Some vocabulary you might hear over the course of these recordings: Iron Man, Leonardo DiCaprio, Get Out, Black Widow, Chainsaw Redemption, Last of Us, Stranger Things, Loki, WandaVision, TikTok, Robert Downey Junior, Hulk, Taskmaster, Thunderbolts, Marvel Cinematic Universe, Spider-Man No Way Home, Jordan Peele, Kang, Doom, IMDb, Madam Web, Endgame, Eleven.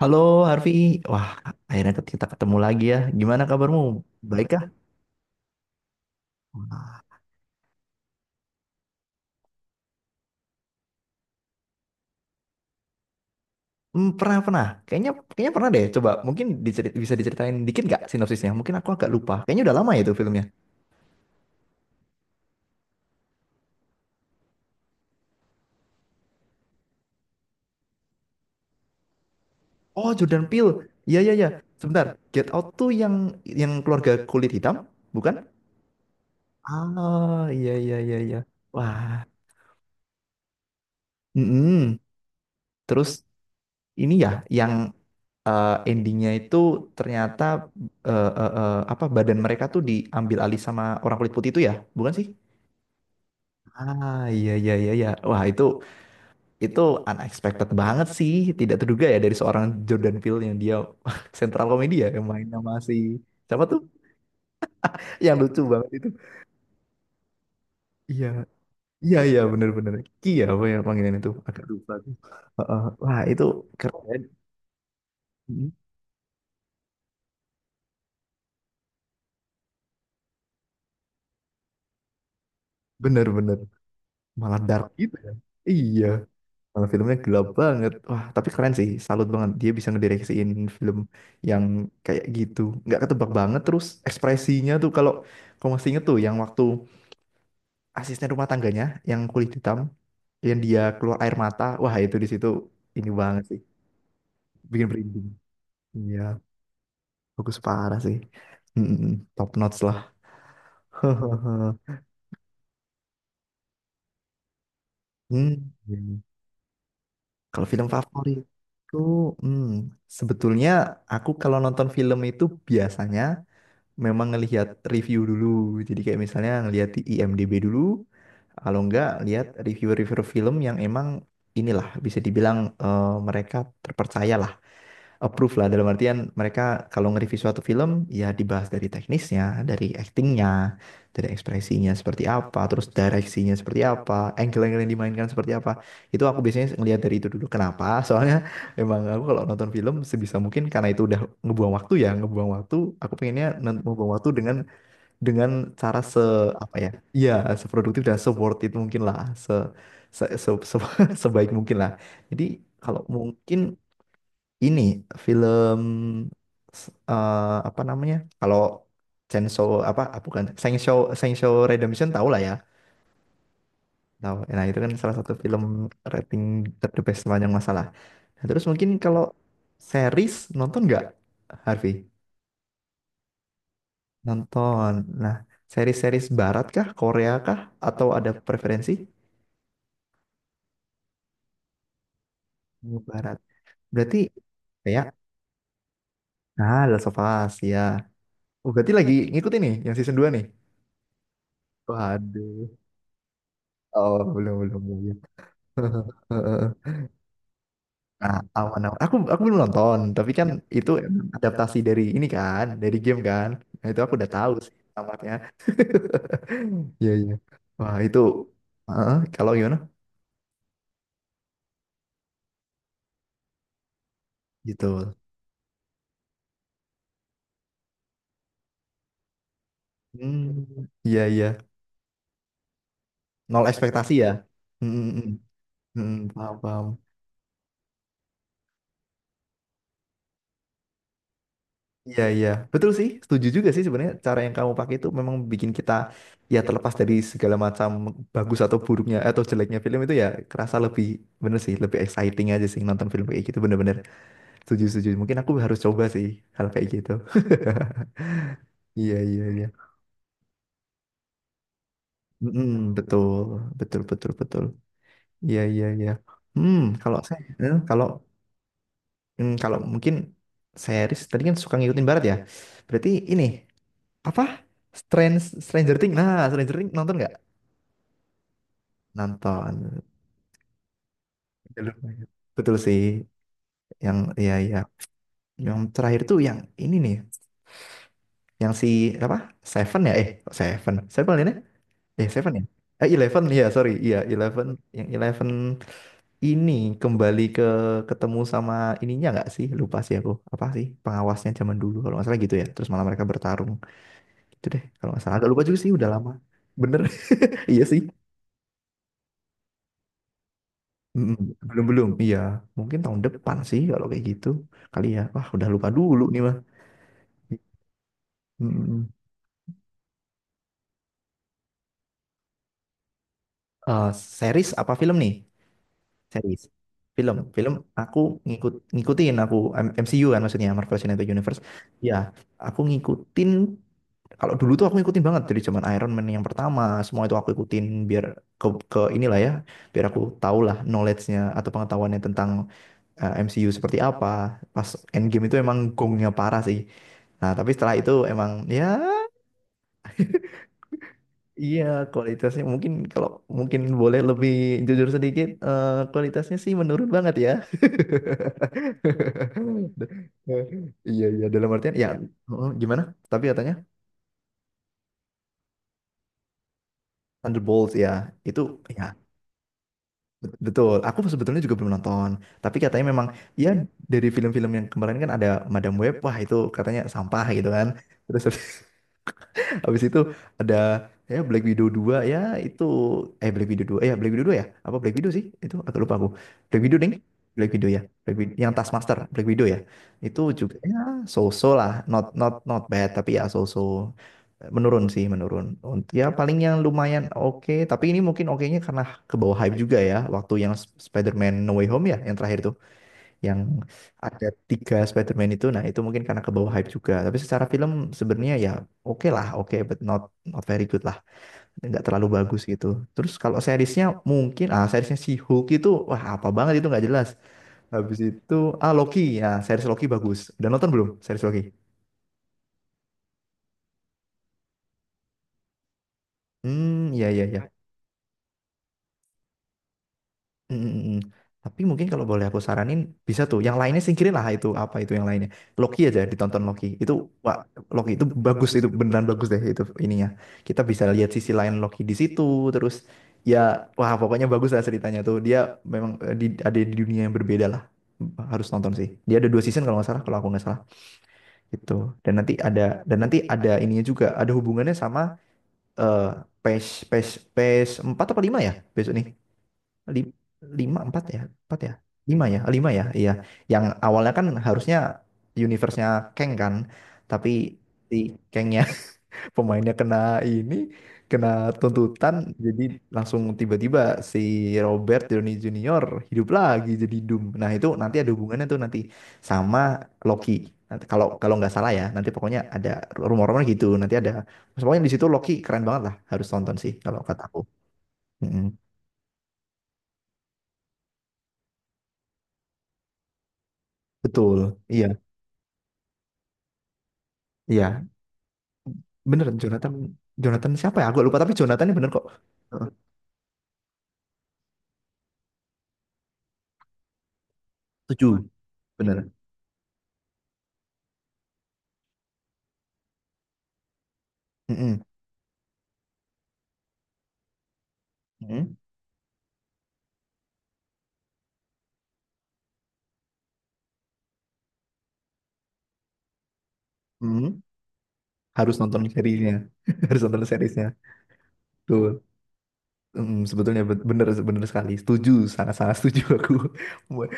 Halo Harvey, wah akhirnya kita ketemu lagi ya. Gimana kabarmu? Baik kah? Hmm, pernah pernah. Kayaknya kayaknya pernah deh. Coba mungkin bisa diceritain dikit nggak sinopsisnya? Mungkin aku agak lupa. Kayaknya udah lama ya itu filmnya. Oh Jordan Peele. Iya iya iya. Sebentar. Get Out tuh yang keluarga kulit hitam, bukan? Ah iya iya iya iya. Wah. Mm-mm. Terus ini ya yang endingnya itu ternyata apa badan mereka tuh diambil alih sama orang kulit putih itu ya, bukan sih? Ah iya iya iya iya. Wah itu unexpected banget sih, tidak terduga ya dari seorang Jordan Peele yang dia sentral komedi ya yang main sama si siapa tuh? Yang lucu banget itu. Iya iya iya bener-bener. Ki ya apa ya panggilan itu? Agak lupa tuh. Heeh. Wah itu keren. Bener-bener malah dark gitu ya. Iya. Malah filmnya gelap banget. Wah, tapi keren sih. Salut banget. Dia bisa ngedireksiin film yang kayak gitu. Nggak ketebak banget. Terus ekspresinya tuh kalau kamu masih inget tuh yang waktu asisten rumah tangganya yang kulit hitam, yang dia keluar air mata. Wah, itu di situ ini banget sih. Bikin merinding. Iya, bagus parah sih. Mm-mm, top notch lah. Hmm. Iya. Kalau film favorit. Itu, hmm, sebetulnya aku kalau nonton film itu biasanya memang ngelihat review dulu. Jadi kayak misalnya ngelihat di IMDb dulu, kalau enggak lihat review-review film yang emang inilah bisa dibilang mereka terpercaya approve lah dalam artian mereka kalau nge-review suatu film ya dibahas dari teknisnya, dari actingnya, dari ekspresinya seperti apa, terus direksinya seperti apa, angle-angle yang dimainkan seperti apa. Itu aku biasanya ngelihat dari itu dulu. Kenapa? Soalnya emang aku kalau nonton film sebisa mungkin karena itu udah ngebuang waktu ya, ngebuang waktu. Aku pengennya ngebuang waktu dengan cara se apa ya? Iya, seproduktif dan se worth it mungkin lah, se, se, se- se- sebaik mungkin lah. Jadi kalau mungkin ini film s- eh, apa namanya? Kalau Chainsaw apa ah, bukan Chainsaw Chainsaw Redemption tahu lah ya. Tahu. Nah, itu kan salah satu film rating ter the best sepanjang masalah. Nah, terus mungkin kalau series nonton nggak Harvey? Nonton. Nah, series-series barat kah, Korea kah atau ada preferensi? Oh, Barat. Berarti kayak ah Last of Us ya. Oh, berarti lagi ngikutin nih yang season 2 nih. Waduh. Oh, belum belum belum. Nah, awan awan. Aku belum nonton, tapi kan itu adaptasi dari ini kan, dari game kan. Nah, itu aku udah tahu sih tamatnya. Iya iya. Wah itu. Heeh, kalau gimana? Gitu. Hmm, iya iya. Nol ekspektasi ya. Hmm, hmm, hmm. Hmm, paham paham. Iya, iya. Betul sih. Setuju juga sih sebenarnya cara yang kamu pakai itu memang bikin kita ya terlepas dari segala macam bagus atau buruknya atau jeleknya film itu ya kerasa lebih bener sih, lebih exciting aja sih nonton film kayak gitu bener-bener. Setuju, setuju. Mungkin aku harus coba sih hal kayak gitu. Iya, iya, iya. Mm-mm, betul, betul, betul, betul. Iya, iya, iya. Hmm, kalau saya, eh, kalau, hmm, kalau mungkin series tadi kan suka ngikutin barat ya. Berarti ini apa Strange Stranger Things, nah Stranger Things nonton nggak nonton. Betul, betul sih yang iya iya yang terakhir tuh yang ini nih yang si apa Seven ya eh kok Seven Seven ini eh Seven ya eh Eleven ya sorry iya Eleven yang Eleven ini kembali ke ketemu sama ininya nggak sih lupa sih aku apa sih pengawasnya zaman dulu kalau nggak salah gitu ya terus malah mereka bertarung gitu deh kalau nggak salah agak lupa juga sih udah lama bener. Iya sih. Mm, belum belum, iya. Mungkin tahun depan sih kalau kayak gitu kali ya. Wah, udah lupa dulu nih mah. Mm, eh, series apa film nih? Series. Film, film aku ngikutin aku MCU kan maksudnya Marvel Cinematic Universe. Ya, aku ngikutin kalau dulu tuh aku ngikutin banget dari zaman Iron Man yang pertama, semua itu aku ikutin biar ke ke inilah ya, biar aku tahu lah knowledge-nya atau pengetahuannya tentang M C U seperti apa. Pas Endgame itu emang gongnya parah sih. Nah, tapi setelah itu emang ya iya kualitasnya mungkin kalau mungkin boleh lebih jujur sedikit kualitasnya sih menurun banget ya. Iya iya dalam artian ya heeh, gimana? Tapi katanya Thunderbolts ya itu ya betul. Aku sebetulnya juga belum nonton. Tapi katanya memang ya dari film-film yang kemarin kan ada Madam Web, wah itu katanya sampah gitu kan. Terus habis itu ada ya Black Widow 2 ya itu Black Widow 2 ya apa Black Widow sih itu agak lupa aku Black Widow ding Black Widow ya Black Widow yang Taskmaster Black Widow ya itu juga ya so-so lah not not not bad tapi ya so-so menurun sih menurun. Ya paling yang lumayan oke tapi ini mungkin okenya karena ke bawah hype juga ya waktu yang Spider-Man No Way Home ya yang terakhir itu yang ada tiga Spider-Man itu nah itu mungkin karena ke bawah hype juga tapi secara film sebenarnya ya oke lah oke but not not very good lah nggak terlalu bagus gitu. Terus kalau seriesnya mungkin ah seriesnya si Hulk itu wah apa banget itu nggak jelas. Habis itu ah Loki ya series Loki bagus udah nonton belum series Loki hmm iya iya iya. Mm, mm, mm. Tapi mungkin kalau boleh aku saranin bisa tuh. Yang lainnya singkirin lah itu apa itu yang lainnya. Loki aja ditonton Loki. Itu wah Loki itu bagus itu beneran bagus deh itu ininya. Kita bisa lihat sisi lain Loki di situ terus ya wah pokoknya bagus lah ceritanya tuh. Dia memang ada di dunia yang berbeda lah. Harus nonton sih. Dia ada dua season kalau nggak salah kalau aku nggak salah gitu. Dan nanti ada dan nanti ada ininya juga ada hubungannya sama eh PES PES PES 4 apa 5 ya besok nih. Lim- Lima empat ya lima ya lima ya iya yang awalnya kan harusnya universe-nya Kang kan tapi si Kangnya pemainnya kena ini kena tuntutan jadi langsung tiba-tiba si Robert Downey Junior hidup lagi jadi Doom. Nah itu nanti ada hubungannya tuh nanti sama Loki. Nanti kalau kalau nggak salah ya nanti pokoknya ada rumor-rumor gitu nanti ada pokoknya di situ Loki keren banget lah harus tonton sih kalau kataku. Mm-mm. Betul iya. Iya, beneran Jonathan, Jonathan siapa ya aku lupa tapi Jonathan ini bener kok. Heeh, tujuh bener. Mm-mm. Mm-mm. Mm-mm. Harus nonton serinya. Harus nonton seriesnya tuh. Mm, sebetulnya bener bener sekali setuju sangat sangat setuju aku.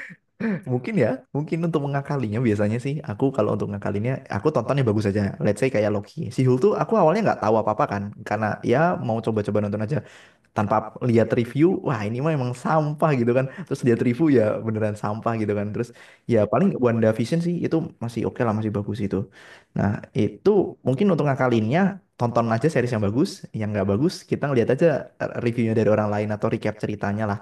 Mungkin ya mungkin untuk mengakalinya biasanya sih aku kalau untuk ngakalinya aku tontonnya bagus aja let's say kayak Loki, si Hulk tuh aku awalnya nggak tahu apa apa kan karena ya mau coba-coba nonton aja tanpa lihat review wah ini mah emang sampah gitu kan terus lihat review ya beneran sampah gitu kan terus ya paling WandaVision sih itu masih oke lah masih bagus itu. Nah itu mungkin untuk ngakalinnya tonton aja series yang bagus, yang nggak bagus kita ngeliat aja reviewnya dari orang lain atau recap ceritanya lah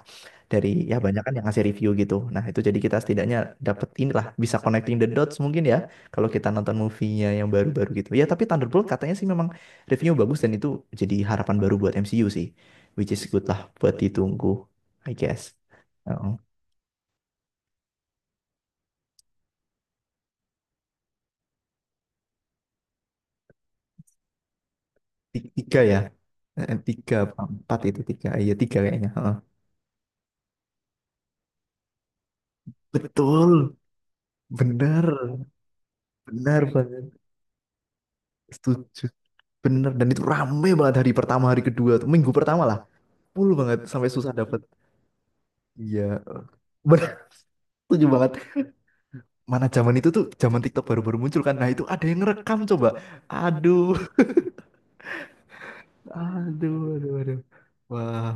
dari ya banyak kan yang ngasih review gitu. Nah, itu jadi kita setidaknya dapat inilah bisa connecting the dots mungkin ya kalau kita nonton movie-nya yang baru-baru gitu. Ya, tapi Thunderbolt katanya sih memang reviewnya bagus dan itu jadi harapan baru buat MCU sih. Which is good lah buat ditunggu, I guess. Heeh. Tiga ya. Tiga, apa empat itu tiga. Iya, tiga kayaknya. Heeh. Betul. Bener, benar banget. Setuju. Bener. Dan itu rame banget hari pertama, hari kedua tuh. Minggu pertama lah. Full banget. Sampai susah dapet. Iya. Benar, setuju banget. Mana zaman itu tuh, zaman TikTok baru-baru muncul kan. Nah itu ada yang ngerekam coba. Aduh, aduh, aduh, aduh. Wah,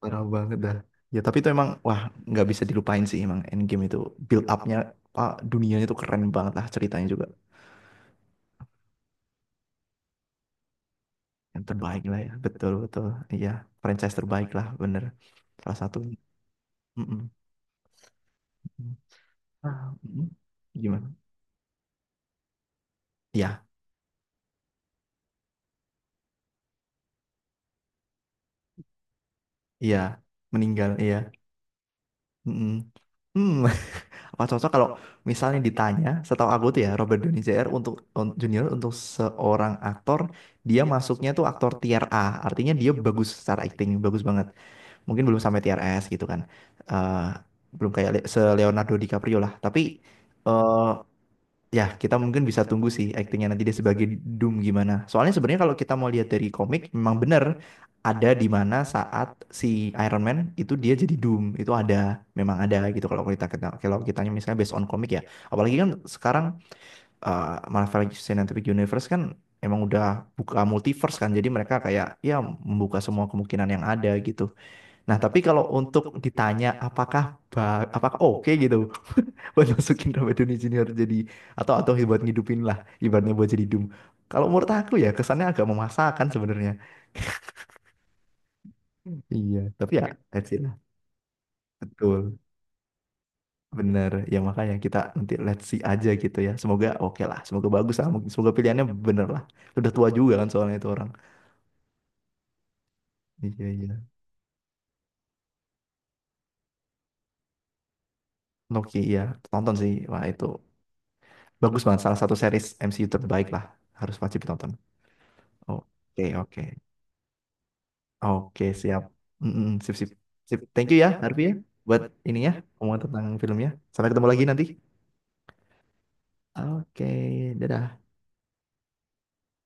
parah banget dah. Ya tapi itu emang, wah nggak bisa dilupain sih emang Endgame itu. Build up-nya, Pak, dunianya itu keren banget lah ceritanya juga. Yang terbaik lah ya, betul-betul. Iya, franchise terbaik lah, bener. Salah satu. Mm-mm. Ah, mm-mm. Gimana? Iya, iya. Meninggal, iya. Mm-mm. Hmm. Pak cocok kalau misalnya ditanya, setahu aku tuh ya Robert Downey Jr. untuk junior untuk seorang aktor dia masuknya tuh aktor tier A, artinya dia bagus secara acting, bagus banget. Mungkin belum sampai tier S gitu kan, eh belum kayak Le- se Leonardo DiCaprio lah. Tapi eh, ya, kita mungkin bisa tunggu sih aktingnya nanti dia sebagai Doom gimana. Soalnya sebenarnya kalau kita mau lihat dari komik, memang benar ada di mana saat si Iron Man itu dia jadi Doom. Itu ada, memang ada gitu kalau kita misalnya based on komik ya. Apalagi kan sekarang Marvel Cinematic Universe kan emang udah buka multiverse kan. Jadi mereka kayak ya membuka semua kemungkinan yang ada gitu. Nah, tapi kalau untuk ditanya apakah oke gitu buat masukin Robert Downey Junior jadi atau buat ngidupin lah ibaratnya buat jadi Doom. Kalau menurut aku ya kesannya agak memaksakan sebenarnya. Iya, tapi ya let's see lah. Betul. Bener. Ya makanya kita nanti let's see aja gitu ya. Semoga oke lah, semoga bagus lah. Mungkin- semoga pilihannya bener lah. Udah tua juga kan soalnya itu orang. Iya, iya. Noki iya, tonton sih. Wah, itu bagus banget salah satu series MCU terbaik lah. Harus wajib ditonton. Oke, oke. Oke, siap. Mm-mm, sip, sip, sip. Thank you ya, Harvey ya, buat ininya, ngomong tentang filmnya. Sampai ketemu lagi nanti. Oke, dadah.